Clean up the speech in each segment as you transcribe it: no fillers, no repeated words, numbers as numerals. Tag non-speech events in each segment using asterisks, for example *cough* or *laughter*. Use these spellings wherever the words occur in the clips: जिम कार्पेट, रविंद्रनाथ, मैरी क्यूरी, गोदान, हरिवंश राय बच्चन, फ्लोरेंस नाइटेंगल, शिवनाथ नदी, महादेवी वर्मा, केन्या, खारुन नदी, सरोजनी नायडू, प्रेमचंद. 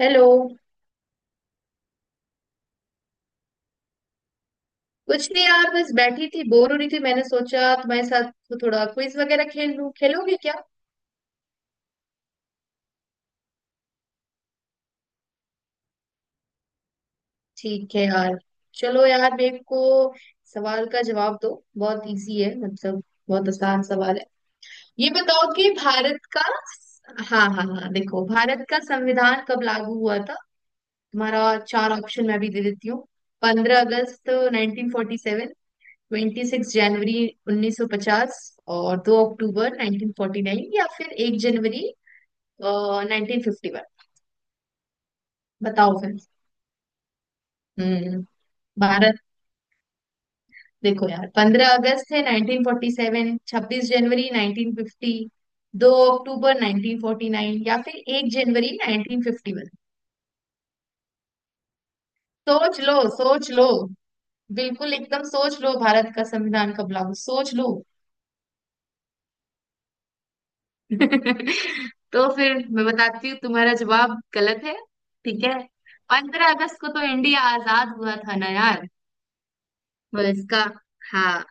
Hello. कुछ नहीं यार, बस बैठी थी, बोर हो रही थी। मैंने सोचा तुम्हारे साथ तो थोड़ा क्विज वगैरह खेल लूं, खेलोगे क्या? ठीक है यार। चलो यार, मेरे को सवाल का जवाब दो, बहुत इजी है मतलब, बहुत आसान सवाल है। ये बताओ कि भारत का, हाँ हाँ हाँ, देखो भारत का संविधान कब लागू हुआ था? तुम्हारा, चार ऑप्शन मैं भी दे देती हूँ। 15 अगस्त 1947, 26 जनवरी 1950, और 2 अक्टूबर 1949, या फिर 1 जनवरी 1951। बताओ फिर। हम्म भारत, देखो यार 15 अगस्त है 1947, 26 जनवरी 1950, 2 अक्टूबर 1949, या फिर एक जनवरी नाइनटीन फिफ्टी वन। सोच लो सोच लो, बिल्कुल एकदम सोच लो, भारत का संविधान कब लागू, सोच लो। *laughs* तो फिर मैं बताती हूँ, तुम्हारा जवाब गलत है। ठीक है। 15 अगस्त को तो इंडिया आजाद हुआ था ना यार। तो इसका, हाँ,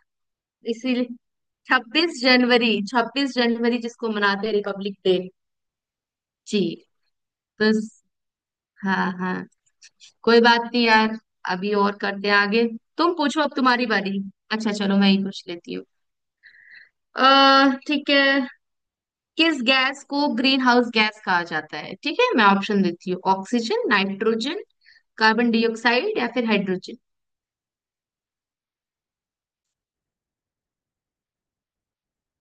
इसीलिए 26 जनवरी, 26 जनवरी जिसको मनाते हैं रिपब्लिक डे। जी, बस। हाँ हाँ। कोई बात नहीं यार, अभी और करते हैं आगे। तुम पूछो, अब तुम्हारी बारी। अच्छा चलो, मैं ही पूछ लेती हूँ। अः ठीक है। किस गैस को ग्रीन हाउस गैस कहा जाता है? ठीक है, मैं ऑप्शन देती हूँ, ऑक्सीजन, नाइट्रोजन, कार्बन डाइऑक्साइड, या फिर हाइड्रोजन।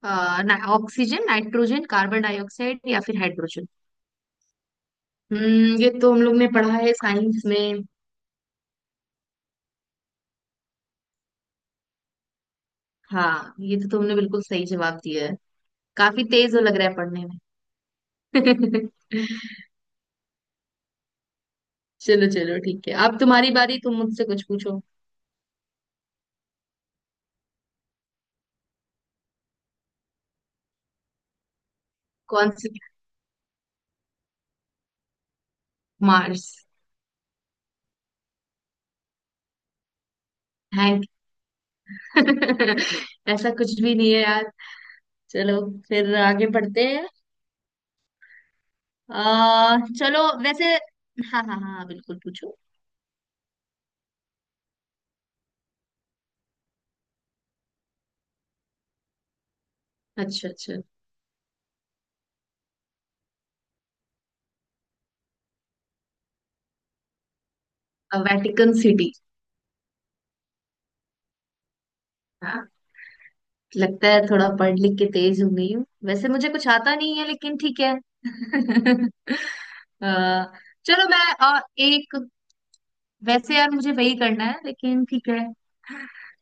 ना, ऑक्सीजन, नाइट्रोजन, कार्बन डाइऑक्साइड, या फिर हाइड्रोजन। ये तो हम लोग ने पढ़ा है साइंस में। हाँ ये तो तुमने बिल्कुल सही जवाब दिया है, काफी तेज हो लग रहा है पढ़ने में। *laughs* चलो चलो ठीक है, अब तुम्हारी बारी, तुम मुझसे कुछ पूछो। कौन सी? मार्स। थैंक, *laughs* ऐसा कुछ भी नहीं है यार। चलो फिर आगे बढ़ते हैं। चलो वैसे। हाँ हाँ हाँ हाँ, बिल्कुल पूछो। अच्छा अच्छा। Vatican city. लगता है थोड़ा पढ़ लिख के तेज हो गई हूँ, वैसे मुझे कुछ आता नहीं है लेकिन ठीक है। *laughs* अ, चलो मैं एक, वैसे यार मुझे वही करना है लेकिन ठीक है।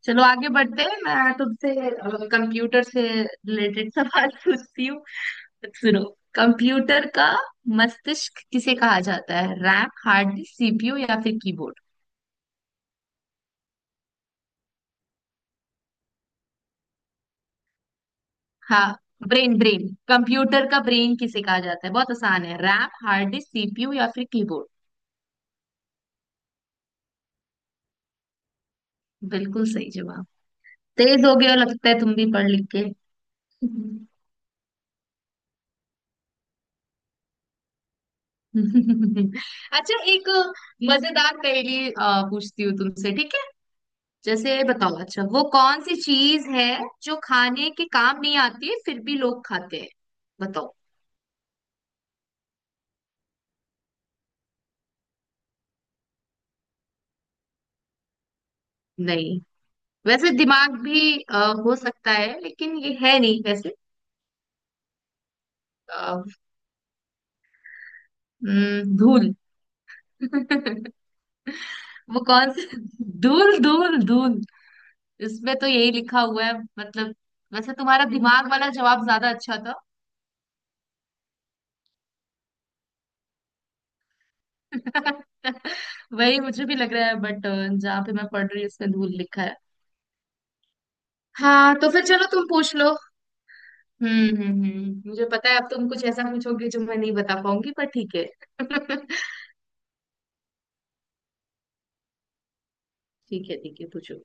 चलो आगे बढ़ते हैं, मैं तुमसे कंप्यूटर से रिलेटेड सवाल *laughs* पूछती हूँ। सुनो, कंप्यूटर का मस्तिष्क किसे कहा जाता है? रैम, हार्ड डिस्क, सीपीयू, या फिर कीबोर्ड? हाँ, ब्रेन ब्रेन, कंप्यूटर का ब्रेन किसे कहा जाता है, बहुत आसान है, रैम, हार्ड डिस्क, सीपीयू, या फिर कीबोर्ड? बिल्कुल सही जवाब। तेज हो गए हो लगता है तुम भी पढ़ लिख के। *laughs* अच्छा, एक मजेदार पहेली पूछती हूँ तुमसे, ठीक है? जैसे बताओ, अच्छा वो कौन सी चीज है जो खाने के काम नहीं आती है फिर भी लोग खाते हैं? बताओ। नहीं, वैसे दिमाग भी हो सकता है लेकिन ये है नहीं वैसे। अ, धूल। *laughs* वो कौन सी, धूल धूल धूल, इसमें तो यही लिखा हुआ है मतलब। वैसे तुम्हारा दिमाग वाला जवाब ज्यादा अच्छा था। *laughs* वही मुझे भी लग रहा है बट जहाँ पे मैं पढ़ रही हूँ इसमें धूल लिखा है। हाँ, तो फिर चलो तुम पूछ लो। हम्म, मुझे पता है अब तुम कुछ ऐसा पूछोगे जो मैं नहीं बता पाऊंगी, पर ठीक है। *laughs* ठीक है ठीक है, पूछो।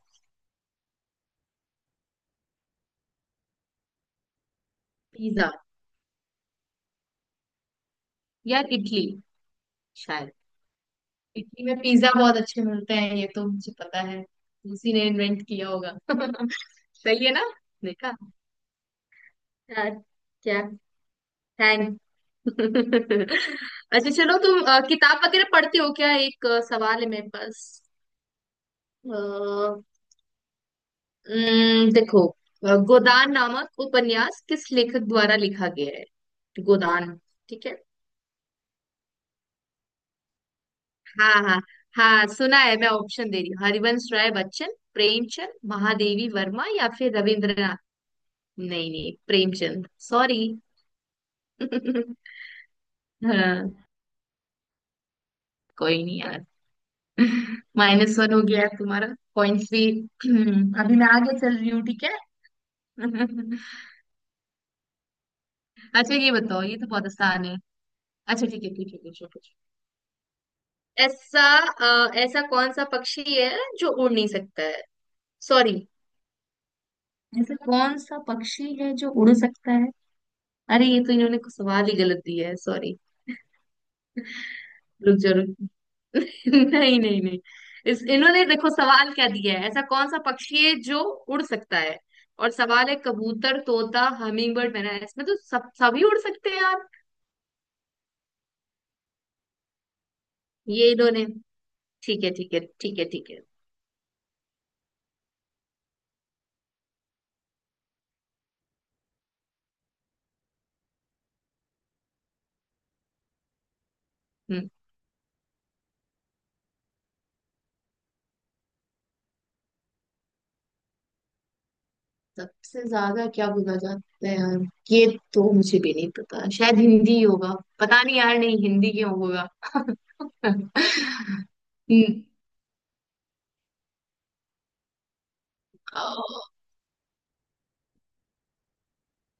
पिज्जा, या इडली? शायद। इटली में पिज्जा बहुत अच्छे मिलते हैं, ये तो मुझे पता है। उसी ने इन्वेंट किया होगा। *laughs* सही है ना? देखा। हाँ, क्या? थैंक, *laughs* अच्छा चलो तुम किताब वगैरह पढ़ती हो क्या? एक सवाल है मेरे पास। अ, देखो, गोदान नामक उपन्यास किस लेखक द्वारा लिखा गया है? गोदान। ठीक है। हाँ हाँ, हाँ सुना है, मैं ऑप्शन दे रही हूँ, हरिवंश राय बच्चन, प्रेमचंद, महादेवी वर्मा, या फिर रविंद्रनाथ। नहीं नहीं, प्रेमचंद, सॉरी। *laughs* हाँ, कोई नहीं यार। *laughs* -1 हो गया है तुम्हारा, पॉइंट्स भी। *clears throat* अभी मैं आगे चल रही हूँ, ठीक है? *laughs* अच्छा ये बताओ, ये तो बहुत आसान है। अच्छा ठीक है ठीक है, पूछो पूछो। ऐसा, ऐसा कौन सा पक्षी है जो उड़ नहीं सकता है? सॉरी, ऐसा कौन सा पक्षी है जो उड़ सकता है? अरे ये तो इन्होंने कुछ सवाल ही गलत दिया है, सॉरी। रुक जा रुक! *laughs* नहीं नहीं नहीं, इस इन्होंने देखो सवाल क्या दिया है, ऐसा कौन सा पक्षी है जो उड़ सकता है? और सवाल है कबूतर, तोता, हमिंग बर्ड, मैना, इसमें तो सब सभी उड़ सकते हैं यार। ये इन्होंने, ठीक है ठीक है ठीक है ठीक है। हम्म, सबसे ज्यादा क्या बोला जाता है यार? ये तो मुझे भी नहीं पता, शायद हिंदी ही होगा। पता नहीं यार, नहीं हिंदी क्यों होगा? *laughs* हम्म, अ,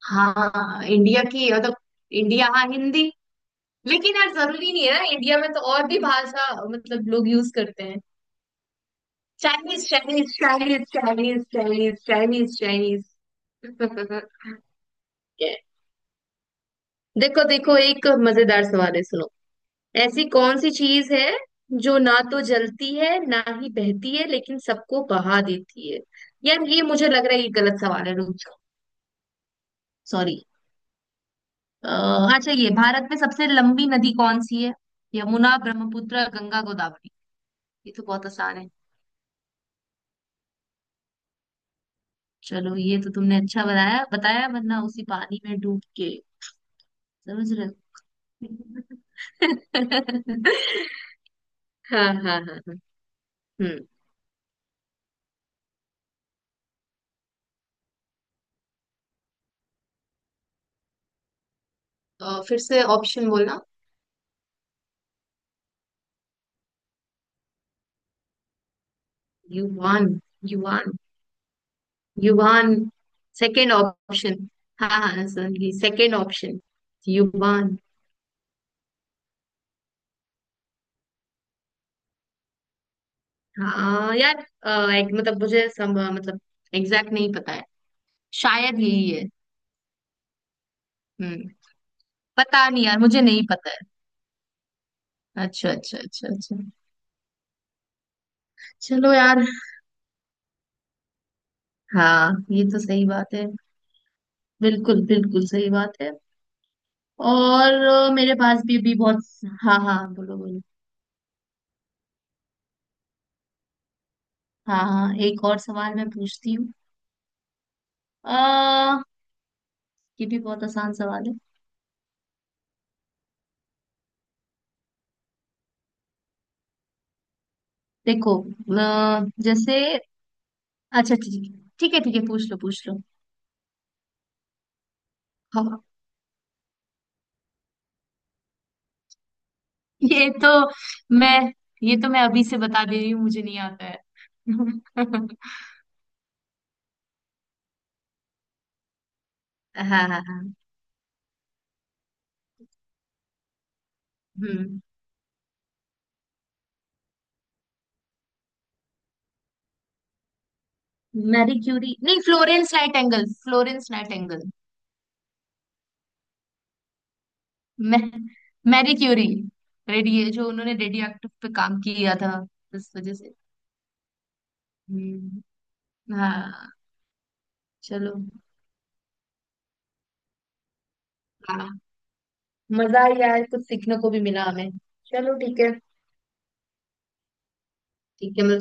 हाँ इंडिया की मतलब, इंडिया, हाँ हिंदी। लेकिन यार जरूरी नहीं है ना, इंडिया में तो और भी भाषा मतलब लोग यूज करते हैं। Chinese, Chinese, Chinese, Chinese, Chinese, Chinese, Chinese. *laughs* देखो देखो, एक मजेदार सवाल है, सुनो। ऐसी कौन सी चीज है जो ना तो जलती है ना ही बहती है लेकिन सबको बहा देती है? यार ये मुझे लग रहा है ये गलत सवाल है, रुक जाओ, सॉरी। अच्छा, ये भारत में सबसे लंबी नदी कौन सी है? यमुना, ब्रह्मपुत्र, गंगा, गोदावरी? ये तो बहुत आसान है। चलो ये तो तुमने अच्छा बताया बताया, वरना उसी पानी में डूब के, समझ रहे हो? *laughs* हाँ हाँ हाँ हाँ। हम्म फिर से ऑप्शन बोलना। Yuan, yuan, yuan, second option. हाँ हाँ सर, ये सेकेंड ऑप्शन, युवान। हाँ यार, एक, मतलब मुझे सम, मतलब एग्जैक्ट नहीं पता है, शायद यही है। हम्म, पता नहीं यार, मुझे नहीं पता है। अच्छा अच्छा अच्छा अच्छा। चलो यार। हाँ ये तो सही बात है। बिल्कुल बिल्कुल सही बात है। और मेरे पास भी अभी बहुत, हाँ हाँ बोलो बोलो। हाँ हाँ, एक और सवाल मैं पूछती हूँ। अः ये भी बहुत आसान सवाल है, देखो जैसे, अच्छा ठीक, ठीक है ठीक है, पूछ लो पूछ लो। हाँ, ये तो मैं ये तो मैं अभी से बता दे रही हूँ, मुझे नहीं आता है। *laughs* हाँ हाँ हाँ। हम्म, मैरी क्यूरी। नहीं, फ्लोरेंस नाइटेंगल, फ्लोरेंस नाइटेंगल। मैं मैरी क्यूरी। रेडिए जो उन्होंने रेडियो एक्टिव पे काम किया था, इस वजह से। हम्म, हाँ। चलो, हाँ, मजा आया यार, कुछ सीखने को भी मिला हमें। चलो ठीक है। ठीक है, मिलते।